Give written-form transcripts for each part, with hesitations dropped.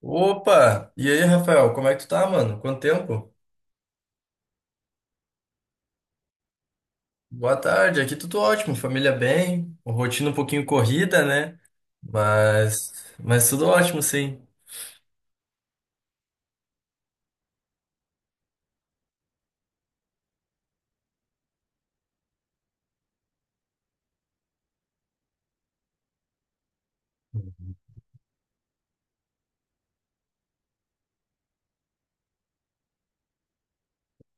Opa! E aí, Rafael, como é que tu tá, mano? Quanto tempo? Boa tarde, aqui tudo ótimo, família bem, rotina um pouquinho corrida, né? Mas tudo ótimo, sim.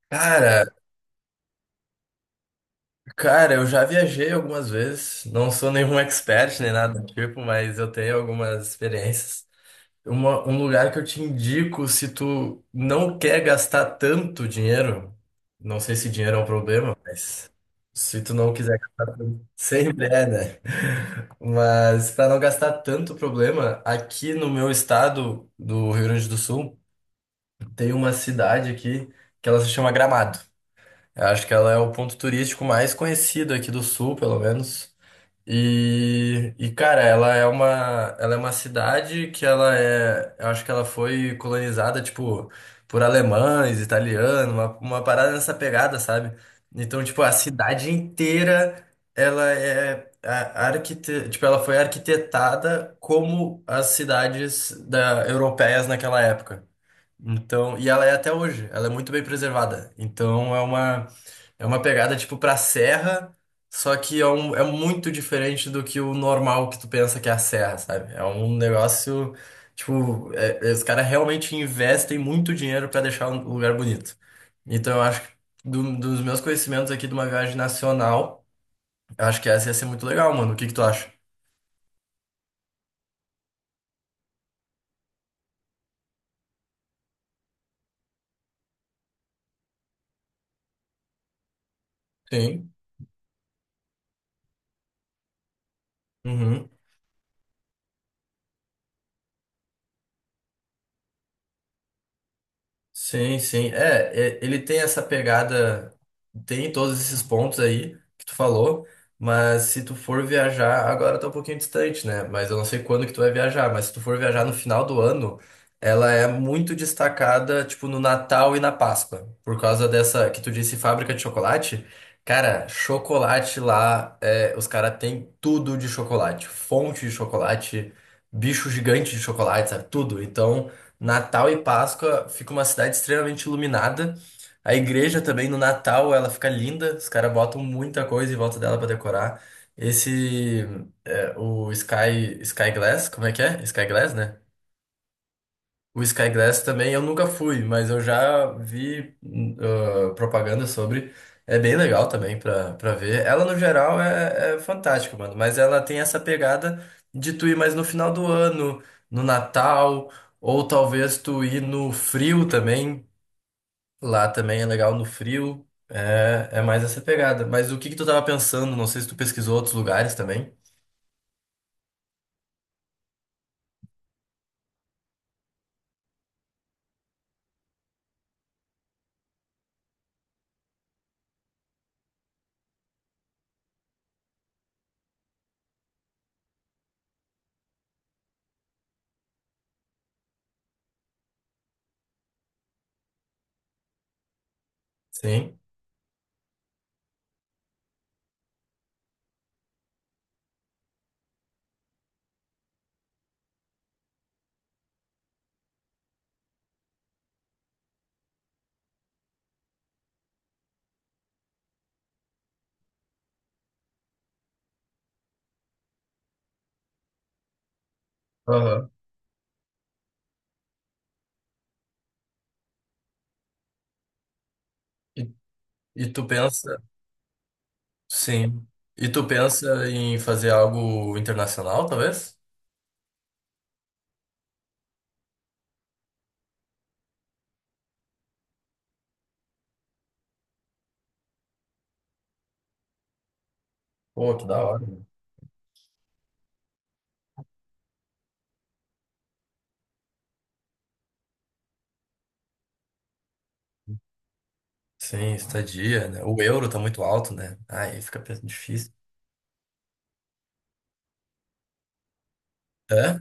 Cara, cara, eu já viajei algumas vezes, não sou nenhum expert nem nada do tipo, mas eu tenho algumas experiências. Um lugar que eu te indico se tu não quer gastar tanto dinheiro, não sei se dinheiro é um problema, mas se tu não quiser gastar tanto, sempre é, né? Mas para não gastar tanto problema, aqui no meu estado do Rio Grande do Sul, tem uma cidade aqui que ela se chama Gramado. Eu acho que ela é o ponto turístico mais conhecido aqui do sul, pelo menos. E cara, ela é uma cidade que ela é, eu acho que ela foi colonizada, tipo, por alemães, italianos, uma parada nessa pegada, sabe? Então, tipo, a cidade inteira, ela é a- arquite, tipo, ela foi arquitetada como as cidades da, europeias naquela época. Então, e ela é até hoje, ela é muito bem preservada. É uma pegada tipo pra serra, só que é, um, é muito diferente do que o normal que tu pensa que é a serra, sabe? É um negócio tipo, os caras realmente investem muito dinheiro pra deixar um lugar bonito. Então eu acho que dos meus conhecimentos aqui de uma viagem nacional, eu acho que essa ia ser muito legal, mano. O que que tu acha? Sim. Sim, sim. É, é, ele tem essa pegada, tem todos esses pontos aí que tu falou, mas se tu for viajar, agora tá um pouquinho distante, né? Mas eu não sei quando que tu vai viajar, mas se tu for viajar no final do ano, ela é muito destacada, tipo, no Natal e na Páscoa, por causa dessa que tu disse fábrica de chocolate. Cara, chocolate lá, é, os caras têm tudo de chocolate, fonte de chocolate, bicho gigante de chocolate, sabe? Tudo. Então. Natal e Páscoa fica uma cidade extremamente iluminada. A igreja também no Natal ela fica linda, os caras botam muita coisa em volta dela pra decorar. Esse é, o Sky Glass, como é que é? Sky Glass, né? O Sky Glass também eu nunca fui, mas eu já vi propaganda sobre. É bem legal também pra, pra ver. Ela, no geral, é, é fantástica, mano. Mas ela tem essa pegada de tu ir mais no final do ano, no Natal, ou talvez tu ir no frio também. Lá também é legal no frio. É, é mais essa pegada. Mas o que que tu tava pensando? Não sei se tu pesquisou outros lugares também. Sim. Aham. E, e tu pensa. Sim. E tu pensa em fazer algo internacional, talvez? Pô, que da hora. Né? Sim, estadia, né? O euro tá muito alto, né? Aí fica difícil. É?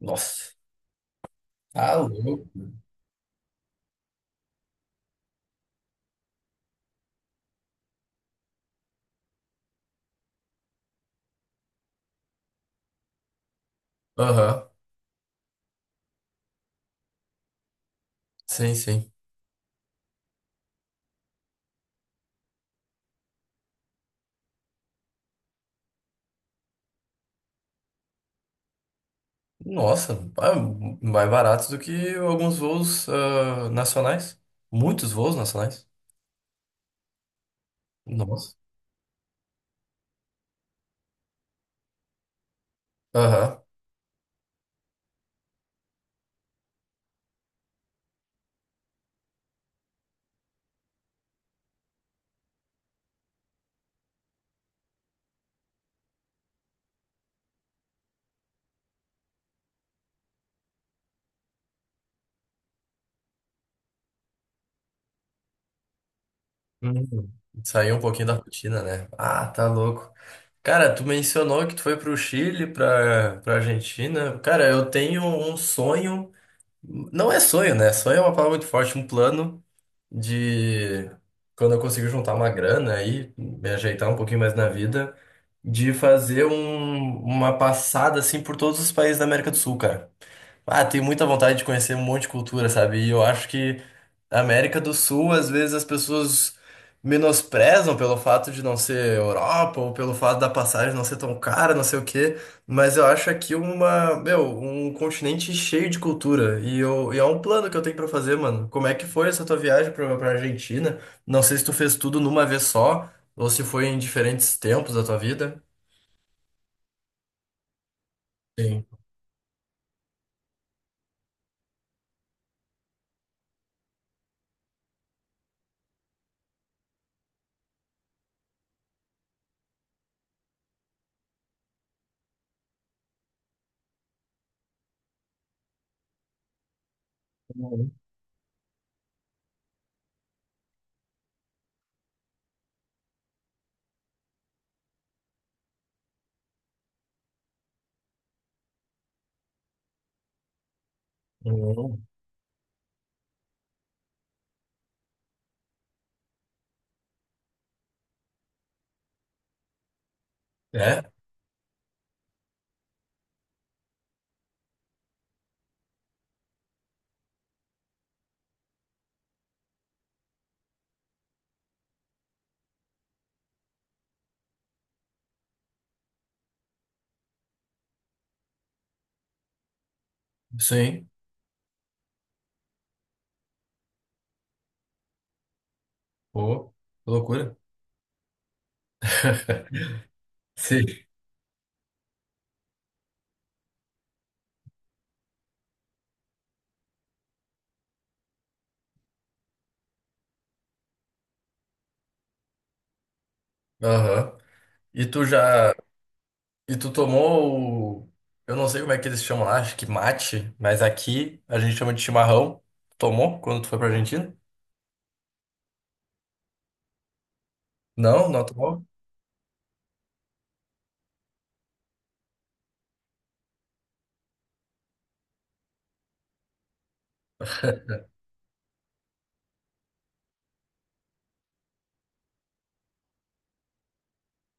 Nossa. Tá louco. Aham. Sim, sim. Nossa, ah, mais barato do que alguns voos ah, nacionais. Muitos voos nacionais. Nossa. Aham. Hum, saiu um pouquinho da rotina, né? Ah, tá louco. Cara, tu mencionou que tu foi pro Chile, pra, pra Argentina. Cara, eu tenho um sonho. Não é sonho, né? Sonho é uma palavra muito forte, um plano de quando eu conseguir juntar uma grana aí, me ajeitar um pouquinho mais na vida, de fazer uma passada assim por todos os países da América do Sul, cara. Ah, tenho muita vontade de conhecer um monte de cultura, sabe? E eu acho que a América do Sul, às vezes as pessoas menosprezam pelo fato de não ser Europa ou pelo fato da passagem não ser tão cara, não sei o quê, mas eu acho aqui uma, meu, um continente cheio de cultura e é um plano que eu tenho pra fazer, mano. Como é que foi essa tua viagem pra, pra Argentina? Não sei se tu fez tudo numa vez só ou se foi em diferentes tempos da tua vida. Sim. Uhum. Uhum. É, sim. Pô, que loucura. Sim. Aham. E tu já. E tu tomou o... Eu não sei como é que eles chamam lá, acho que mate, mas aqui a gente chama de chimarrão. Tomou quando tu foi pra Argentina? Não, não tomou?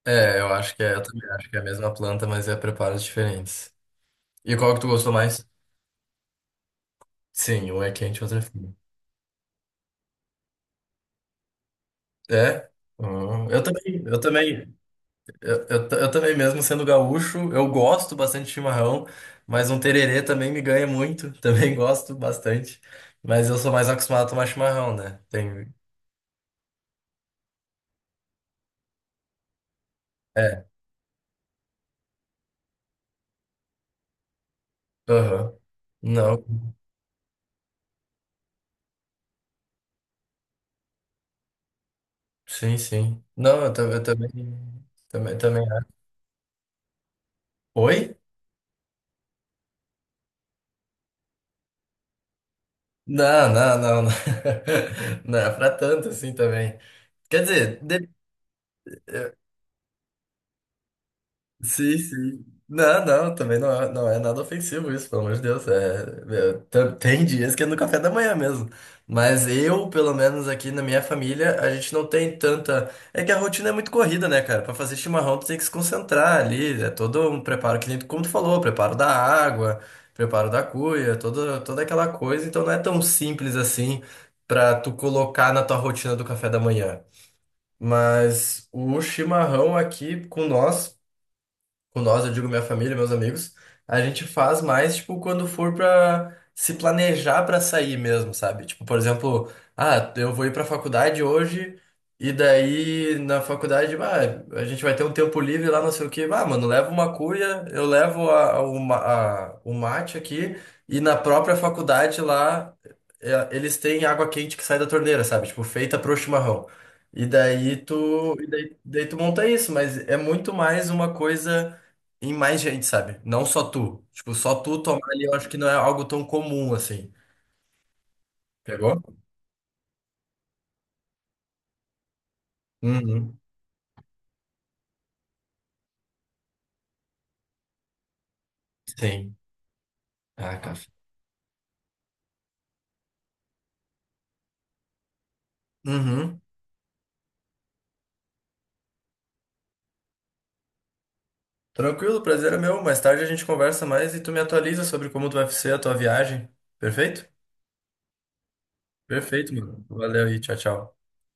É, eu acho que é, eu também acho que é a mesma planta, mas é preparos diferentes. E qual que tu gostou mais? Sim, um é quente, outro é frio. É? Eu também, eu também, eu também mesmo sendo gaúcho, eu gosto bastante de chimarrão, mas um tererê também me ganha muito, também gosto bastante. Mas eu sou mais acostumado a tomar chimarrão, né? Tem. É, aham. Não, sim, sim. Não, eu também, também, também. Oi? Não, não, não, não. Não é pra tanto assim também. Quer dizer, de- sim, sim. Não, não, também não é, não é nada ofensivo isso, pelo amor de Deus. É, é, tem dias que é no café da manhã mesmo. Mas eu, pelo menos aqui na minha família, a gente não tem tanta. É que a rotina é muito corrida, né, cara? Pra fazer chimarrão, tu tem que se concentrar ali. É todo um preparo que nem como tu falou, preparo da água, preparo da cuia, toda aquela coisa. Então não é tão simples assim pra tu colocar na tua rotina do café da manhã. Mas o chimarrão aqui com nós, eu digo minha família, meus amigos, a gente faz mais, tipo, quando for pra se planejar pra sair mesmo, sabe? Tipo, por exemplo, ah, eu vou ir pra faculdade hoje, e daí na faculdade, ah, a gente vai ter um tempo livre lá, não sei o quê. Ah, mano, leva uma cuia, eu levo a, o ma- a- o mate aqui, e na própria faculdade lá. É, eles têm água quente que sai da torneira, sabe? Tipo, feita pro chimarrão. Daí tu monta isso, mas é muito mais uma coisa em mais gente, sabe? Não só tu. Tipo, só tu tomar ali, eu acho que não é algo tão comum assim. Pegou? Uhum. Sim. Ah, café. Uhum. Tranquilo, prazer é meu. Mais tarde a gente conversa mais e tu me atualiza sobre como tu vai ser a tua viagem. Perfeito? Perfeito, mano. Valeu aí, tchau, tchau.